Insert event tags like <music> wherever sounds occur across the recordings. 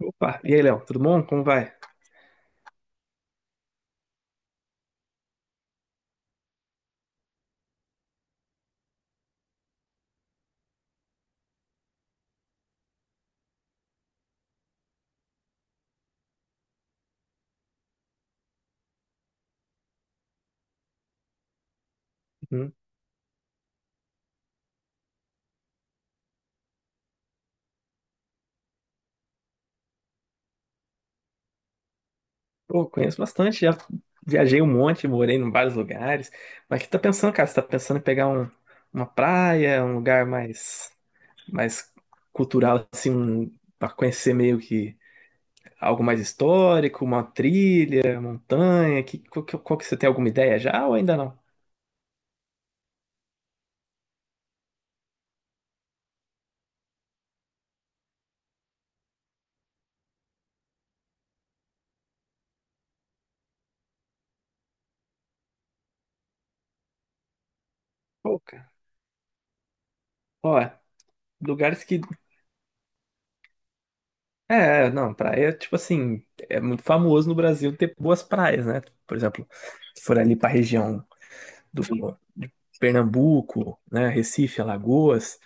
Opa, e aí, Léo, tudo bom? Como vai? Uhum. Pô, conheço bastante, já viajei um monte, morei em vários lugares. Mas o que tá pensando, cara? Você tá pensando em pegar uma praia, um lugar mais cultural, assim, pra conhecer meio que algo mais histórico, uma trilha, montanha? Que, qual, que qual que você tem alguma ideia já ou ainda não? Pô, cara, ó, lugares que. É, não, praia, tipo assim, é muito famoso no Brasil ter boas praias, né? Por exemplo, se for ali pra região do de Pernambuco, né? Recife, Alagoas.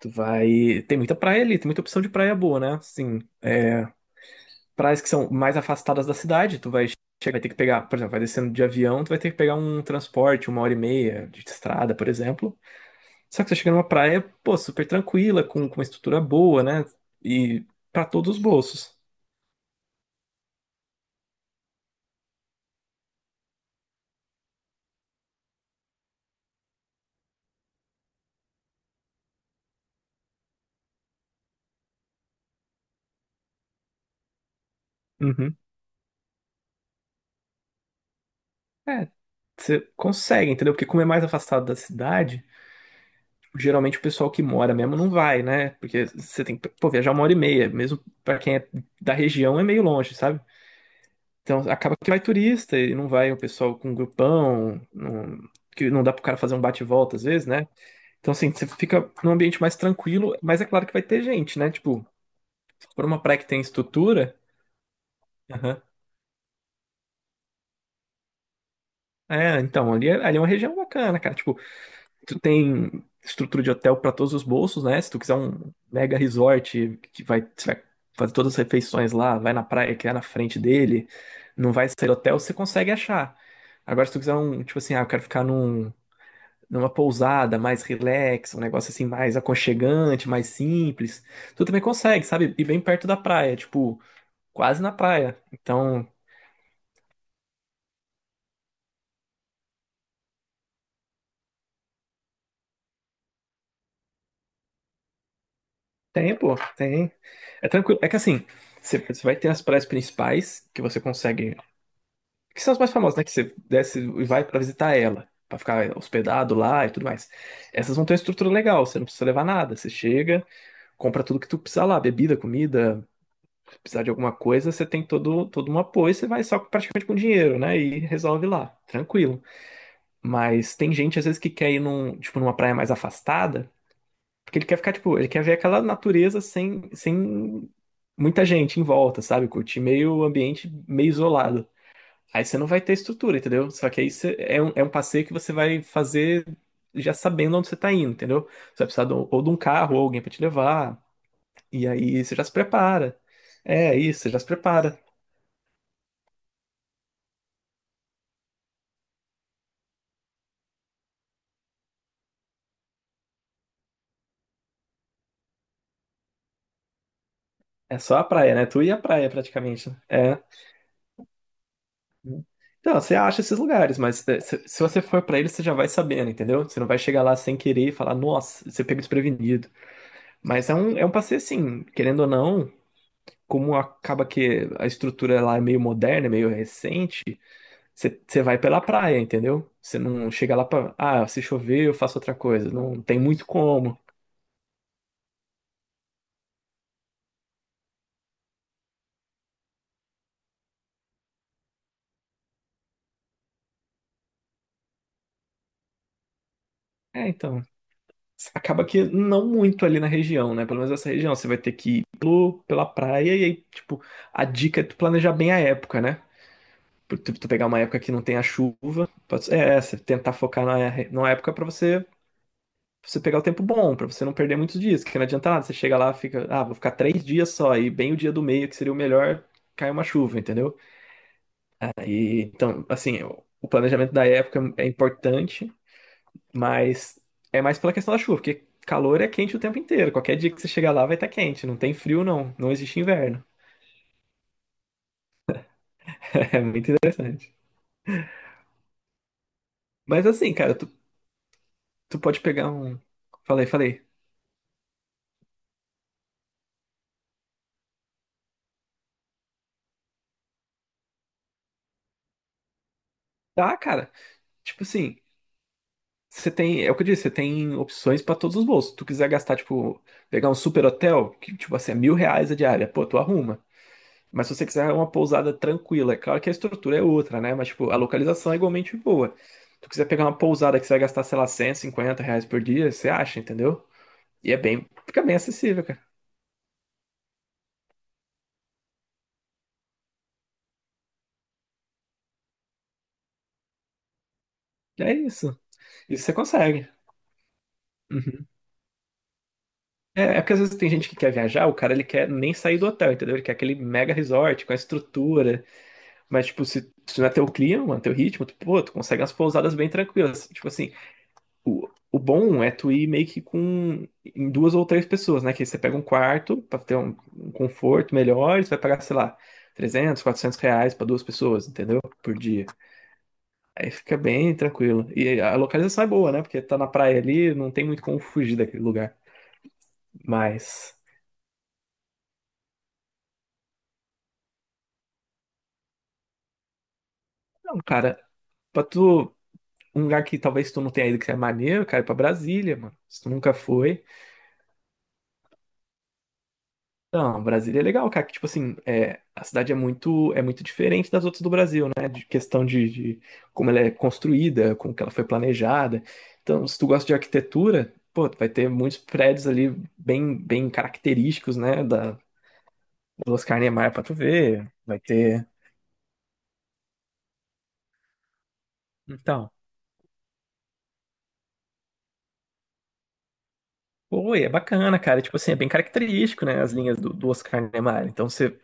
Tu vai. Tem muita praia ali, tem muita opção de praia boa, né? Assim, praias que são mais afastadas da cidade, tu vai. Chega, vai ter que pegar, por exemplo, vai descendo de avião, tu vai ter que pegar um transporte, uma hora e meia de estrada, por exemplo. Só que você chega numa praia, pô, super tranquila, com uma estrutura boa, né? E pra todos os bolsos. Uhum. É, você consegue, entendeu? Porque como é mais afastado da cidade, geralmente o pessoal que mora mesmo não vai, né? Porque você tem que, pô, viajar uma hora e meia, mesmo pra quem é da região é meio longe, sabe? Então acaba que vai turista e não vai o pessoal com um grupão, não, que não dá pro cara fazer um bate-volta às vezes, né? Então assim, você fica num ambiente mais tranquilo, mas é claro que vai ter gente, né? Tipo, se for uma praia que tem estrutura, aham. É, então, ali é uma região bacana, cara. Tipo, tu tem estrutura de hotel para todos os bolsos, né? Se tu quiser um mega resort que vai, você vai fazer todas as refeições lá, vai na praia que é na frente dele, não vai sair do hotel, você consegue achar. Agora, se tu quiser um, tipo assim, ah, eu quero ficar num, numa pousada mais relax, um negócio assim mais aconchegante, mais simples, tu também consegue, sabe? E bem perto da praia, tipo, quase na praia. Então, tem, pô, tem. É tranquilo. É que assim, você vai ter as praias principais que você consegue, que são as mais famosas, né? Que você desce e vai pra visitar ela, pra ficar hospedado lá e tudo mais. Essas vão ter uma estrutura legal, você não precisa levar nada. Você chega, compra tudo que tu precisar lá, bebida, comida, se precisar de alguma coisa, você tem todo um apoio, você vai só praticamente com dinheiro, né? E resolve lá, tranquilo. Mas tem gente, às vezes, que quer ir num, tipo, numa praia mais afastada, porque ele quer ficar, tipo, ele quer ver aquela natureza sem muita gente em volta, sabe? Curtir meio ambiente meio isolado. Aí você não vai ter estrutura, entendeu? Só que aí você é um passeio que você vai fazer já sabendo onde você tá indo, entendeu? Você vai precisar ou de um carro ou alguém pra te levar. E aí você já se prepara. É isso, você já se prepara. É só a praia, né? Tu e a praia praticamente, né? É. Então, você acha esses lugares, mas é, se você for pra eles, você já vai sabendo, entendeu? Você não vai chegar lá sem querer e falar, nossa, você pega desprevenido. Mas é um passeio assim, querendo ou não, como acaba que a estrutura lá é meio moderna, é meio recente. Você vai pela praia, entendeu? Você não chega lá pra. Ah, se chover, eu faço outra coisa. Não tem muito como. É, então, acaba que não muito ali na região, né? Pelo menos essa região. Você vai ter que ir pela praia e aí, tipo, a dica é tu planejar bem a época, né? Tu pegar uma época que não tem a chuva. Pode, ser, é, você tentar focar na época pra você, você pegar o tempo bom, pra você não perder muitos dias, que não adianta nada. Você chega lá, fica. Ah, vou ficar 3 dias só, e bem o dia do meio, que seria o melhor, cai uma chuva, entendeu? E, então, assim, o planejamento da época é importante, mas é mais pela questão da chuva, porque calor é quente o tempo inteiro. Qualquer dia que você chegar lá vai estar quente, não tem frio, não. Não existe inverno. <laughs> É muito interessante. Mas assim, cara, tu, tu pode pegar um. Falei, falei. Tá, cara. Tipo assim, você tem. É o que eu disse, você tem opções pra todos os bolsos. Se tu quiser gastar, tipo, pegar um super hotel, que, tipo assim, é R$ 1.000 a diária, pô, tu arruma. Mas se você quiser uma pousada tranquila, é claro que a estrutura é outra, né? Mas, tipo, a localização é igualmente boa. Se tu quiser pegar uma pousada que você vai gastar, sei lá, R$ 150 por dia, você acha, entendeu? E é bem, fica bem acessível, cara. É isso. Isso você consegue. Uhum. É, é porque às vezes tem gente que quer viajar, o cara ele quer nem sair do hotel, entendeu? Ele quer aquele mega resort com a estrutura. Mas, tipo, se não é teu clima, mano, teu ritmo, tu, pô, tu consegue umas pousadas bem tranquilas. Tipo assim, o bom é tu ir meio que com em duas ou três pessoas, né? Que você pega um quarto pra ter um conforto melhor, e você vai pagar, sei lá, R$ 300, R$ 400 pra duas pessoas, entendeu? Por dia. Aí fica bem tranquilo. E a localização é boa, né? Porque tá na praia ali, não tem muito como fugir daquele lugar. Mas, não, cara, pra tu, um lugar que talvez tu não tenha ido que é maneiro, cara, é pra Brasília, mano. Se tu nunca foi. Não, Brasília é legal, cara, que tipo assim, é, a cidade é muito diferente das outras do Brasil, né? De questão de como ela é construída, como que ela foi planejada. Então, se tu gosta de arquitetura, pô, tu vai ter muitos prédios ali bem bem característicos, né, da do Oscar Niemeyer pra tu ver. Vai ter. Então, pô, e é bacana, cara, tipo assim, é bem característico, né, as linhas do Oscar Niemeyer. Então, você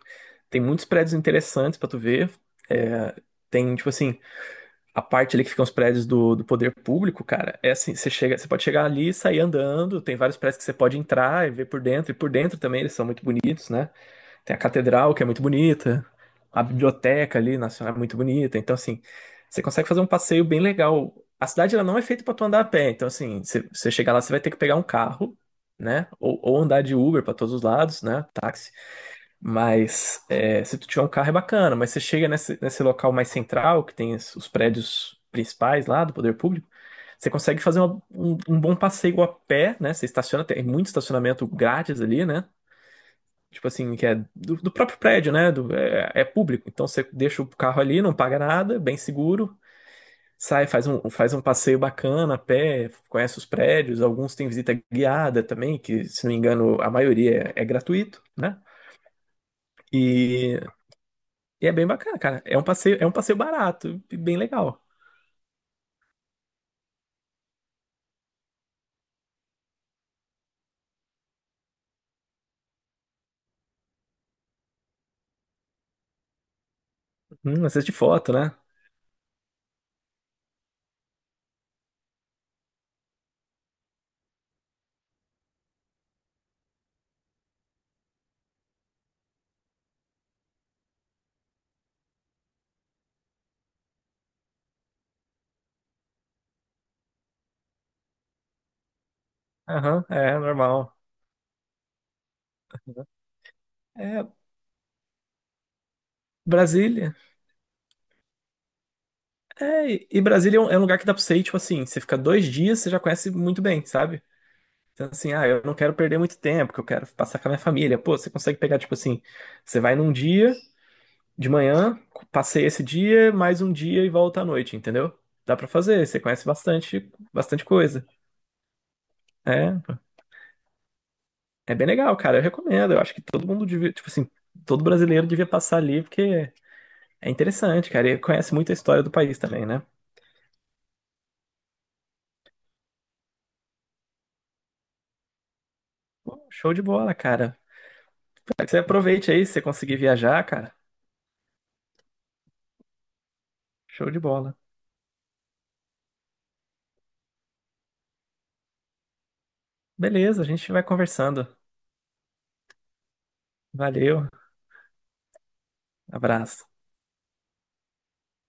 tem muitos prédios interessantes pra tu ver. É, tem tipo assim, a parte ali que ficam os prédios do poder público, cara, é assim, você chega, você pode chegar ali e sair andando, tem vários prédios que você pode entrar e ver por dentro, e por dentro também eles são muito bonitos, né? Tem a catedral, que é muito bonita, a biblioteca ali nacional é muito bonita, então assim, você consegue fazer um passeio bem legal. A cidade ela não é feita pra tu andar a pé, então assim, você chegar lá, você vai ter que pegar um carro, né? Ou andar de Uber pra todos os lados, né? Táxi. Mas é, se tu tiver um carro é bacana, mas você chega nesse local mais central, que tem os prédios principais lá do poder público, você consegue fazer um bom passeio a pé, né? Você estaciona, tem muito estacionamento grátis ali, né? Tipo assim, que é do próprio prédio, né? Do, é, é público. Então você deixa o carro ali, não paga nada, bem seguro, sai, faz um passeio bacana a pé, conhece os prédios, alguns têm visita guiada também, que se não me engano a maioria é gratuito, né? E é bem bacana, cara. É um passeio barato e bem legal. Assiste foto, né? Aham, é normal. É, Brasília. É, e Brasília é um lugar que dá pra você ir, tipo assim, você fica 2 dias, você já conhece muito bem, sabe? Então, assim, ah, eu não quero perder muito tempo, que eu quero passar com a minha família. Pô, você consegue pegar, tipo assim, você vai num dia, de manhã, passei esse dia, mais um dia e volta à noite, entendeu? Dá pra fazer, você conhece bastante, bastante coisa. É. É bem legal, cara. Eu recomendo. Eu acho que todo mundo devia, tipo assim, todo brasileiro devia passar ali, porque é interessante, cara. E conhece muito a história do país também, né? Pô, show de bola, cara. Espero que você aproveite aí, se você conseguir viajar, cara. Show de bola. Beleza, a gente vai conversando. Valeu, abraço.